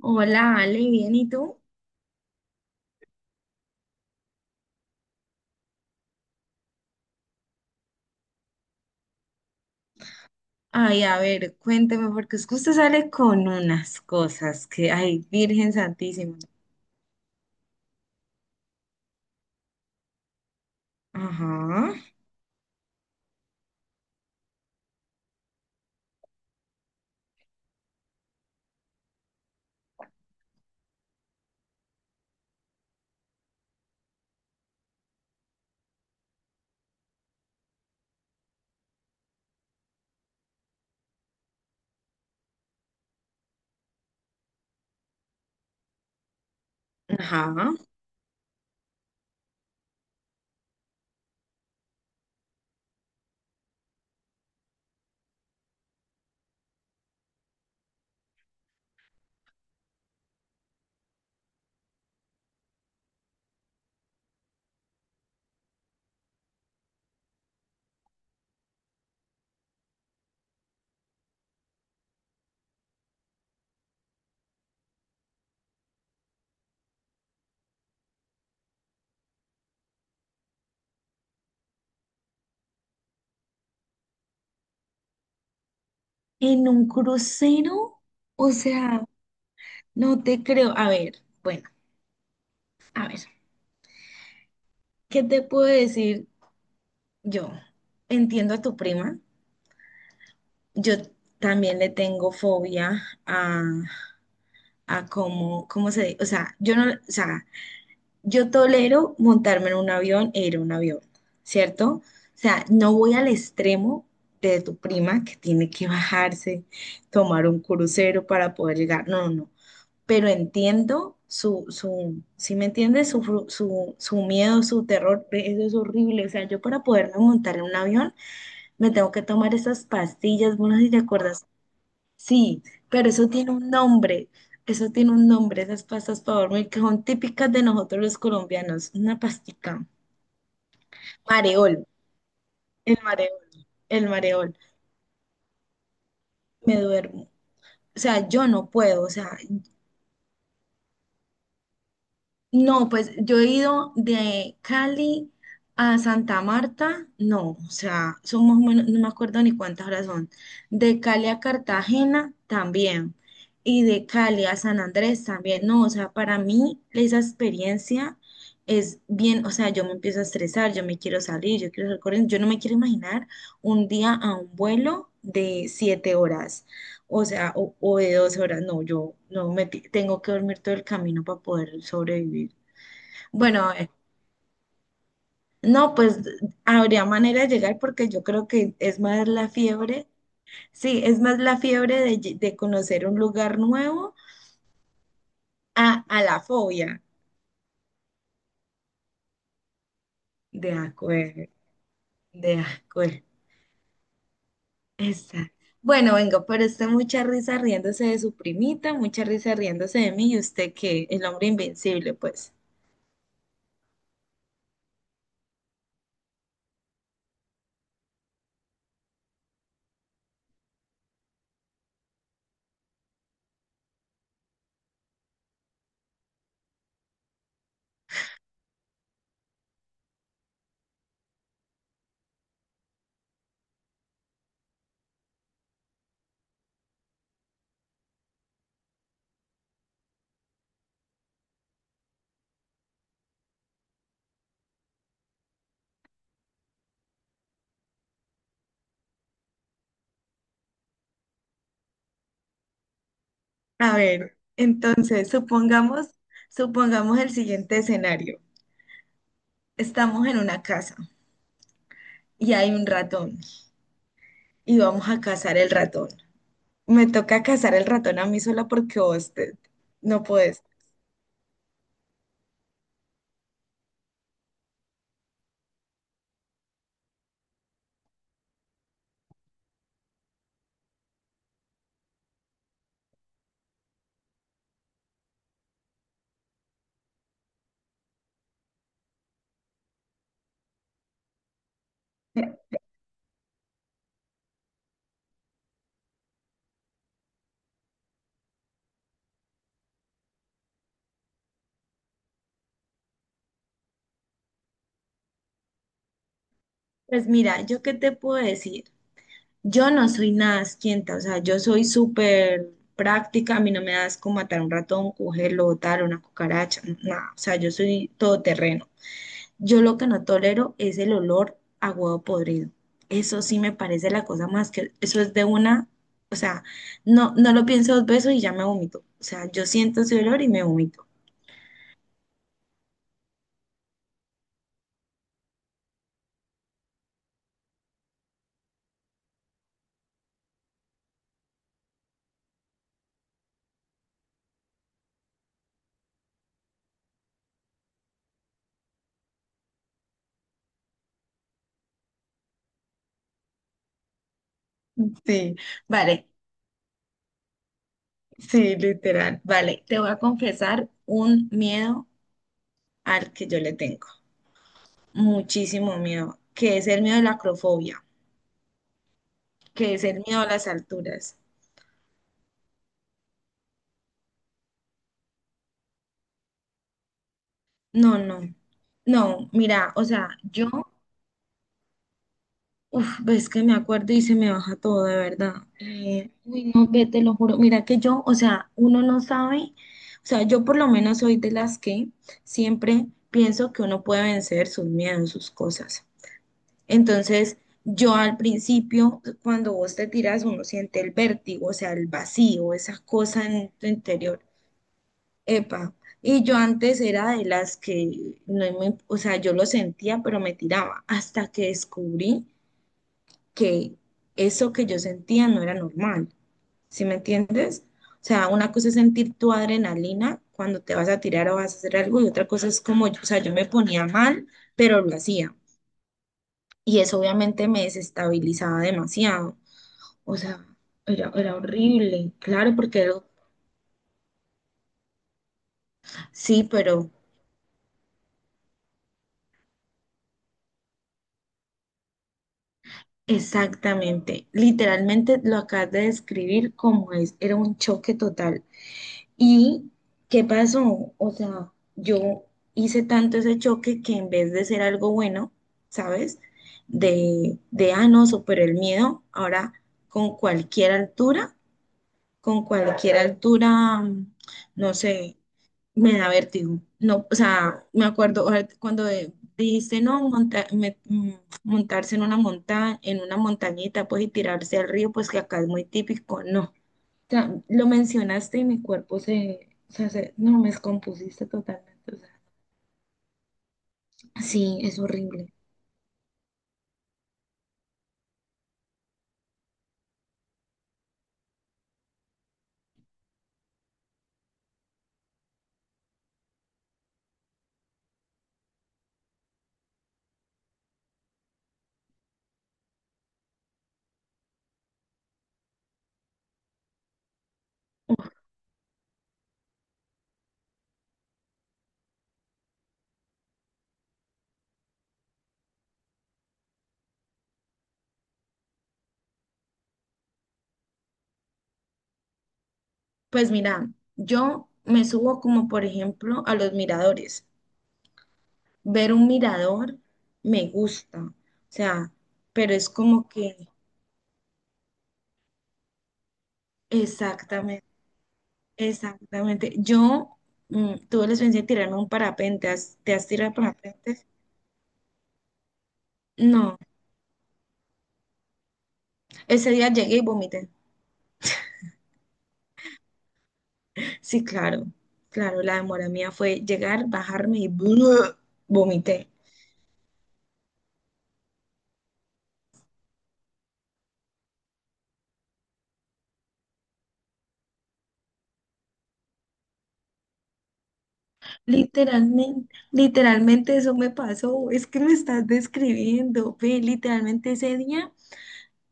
Hola, Ale, bien, ¿y tú? Ay, a ver, cuénteme, porque es que usted sale con unas cosas que, ay, Virgen Santísima. Ajá, ajá. ¿En un crucero? O sea, no te creo. A ver, bueno, a ver, ¿qué te puedo decir yo? Entiendo a tu prima. Yo también le tengo fobia a cómo, cómo se, o sea, yo no, o sea, yo tolero montarme en un avión e ir a un avión, ¿cierto? O sea, no voy al extremo de tu prima que tiene que bajarse, tomar un crucero para poder llegar. No, no, no. Pero entiendo si me entiendes, su, su miedo, su terror, ve, eso es horrible. O sea, yo para poderme montar en un avión me tengo que tomar esas pastillas, bueno, si te acuerdas. Sí, pero eso tiene un nombre, eso tiene un nombre, esas pastas para dormir que son típicas de nosotros los colombianos. Una pastica, mareol, el mareol, el mareol, me duermo. O sea, yo no puedo, o sea, no, pues yo he ido de Cali a Santa Marta, no, o sea, son más o menos, no me acuerdo ni cuántas horas son. De Cali a Cartagena también. Y de Cali a San Andrés también. No, o sea, para mí esa experiencia es bien, o sea, yo me empiezo a estresar, yo me quiero salir, yo quiero salir corriendo, yo no me quiero imaginar un día a un vuelo de siete horas, o sea, o de doce horas, no, yo no me ti- tengo que dormir todo el camino para poder sobrevivir. Bueno, no, pues habría manera de llegar porque yo creo que es más la fiebre, sí, es más la fiebre de conocer un lugar nuevo a la fobia. De acuerdo, de acuerdo. Exacto. Bueno, vengo pero está mucha risa riéndose de su primita, mucha risa riéndose de mí y usted que el hombre invencible, pues. A ver, entonces, supongamos, supongamos el siguiente escenario. Estamos en una casa y hay un ratón. Y vamos a cazar el ratón. Me toca cazar el ratón a mí sola porque no puedes. Pues mira, ¿yo qué te puedo decir? Yo no soy nada asquienta, o sea, yo soy súper práctica, a mí no me das como matar un ratón, cogerlo, botar una cucaracha, nada, o sea, yo soy todoterreno. Yo lo que no tolero es el olor a huevo podrido. Eso sí me parece la cosa más que, eso es de una, o sea, no, no lo pienso dos veces y ya me vomito. O sea, yo siento ese olor y me vomito. Sí, vale, sí, literal, vale. Te voy a confesar un miedo al que yo le tengo, muchísimo miedo, que es el miedo de la acrofobia, que es el miedo a las alturas. No, no, no, mira, o sea, yo, uff, ves que me acuerdo y se me baja todo, de verdad. Uy, no, ve, te lo juro, mira que yo, o sea, uno no sabe, o sea, yo por lo menos soy de las que siempre pienso que uno puede vencer sus miedos, sus cosas. Entonces, yo al principio, cuando vos te tiras, uno siente el vértigo, o sea, el vacío, esa cosa en tu interior. Epa. Y yo antes era de las que no me, o sea, yo lo sentía, pero me tiraba, hasta que descubrí que eso que yo sentía no era normal. ¿Sí me entiendes? O sea, una cosa es sentir tu adrenalina cuando te vas a tirar o vas a hacer algo, y otra cosa es como, o sea, yo me ponía mal, pero lo hacía. Y eso obviamente me desestabilizaba demasiado. O sea, era, era horrible. Claro, porque era- sí, pero exactamente. Literalmente lo acabas de describir como es. Era un choque total. ¿Y qué pasó? O sea, yo hice tanto ese choque que en vez de ser algo bueno, ¿sabes? De ah, no, superé el miedo. Ahora, con cualquier altura, con cualquier altura, no sé, me da vértigo. No, o sea, me acuerdo ahora cuando dijiste no monta- me- mm, montarse en una monta en una montañita, pues y tirarse al río, pues que acá es muy típico, no. O sea, lo mencionaste y mi cuerpo se, o sea, se- no me descompusiste totalmente, o sea, sí, es horrible. Pues mira, yo me subo como por ejemplo a los miradores. Ver un mirador me gusta, o sea, pero es como que exactamente. Exactamente. Yo tuve la experiencia de tirarme un parapente. ¿Has- ¿Te has tirado parapente? No. Ese día llegué y vomité. Sí, claro. Claro, la demora mía fue llegar, bajarme y vomité. Literalmente, literalmente eso me pasó. Es que me estás describiendo. Ve, literalmente ese día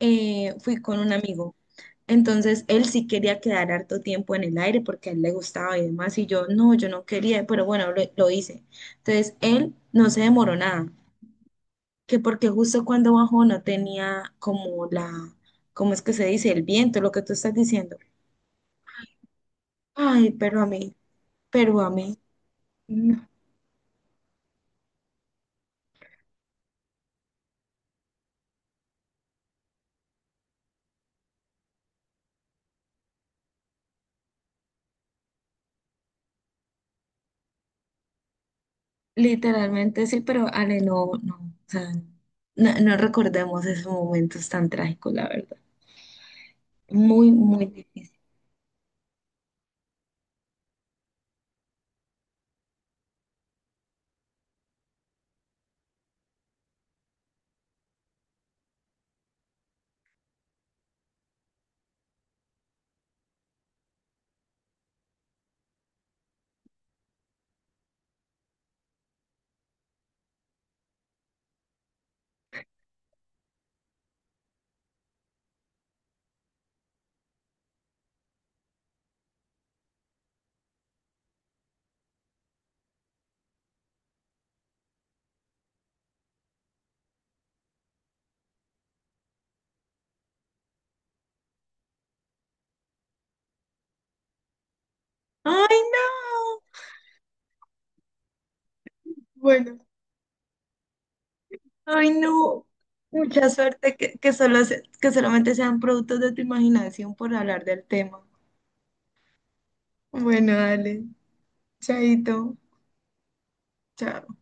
fui con un amigo. Entonces él sí quería quedar harto tiempo en el aire porque a él le gustaba y demás, y yo no, yo no quería, pero bueno, lo hice. Entonces él no se demoró nada, que porque justo cuando bajó no tenía como la, ¿cómo es que se dice? El viento, lo que tú estás diciendo. Ay, pero a mí, no. Literalmente sí, pero Ale, no, no, o sea, no, no recordemos esos momentos tan trágicos, la verdad. Muy, muy difícil. Ay, no. Bueno. Ay, no. Mucha suerte que, que solamente sean productos de tu imaginación por hablar del tema. Bueno, dale. Chaito. Chao.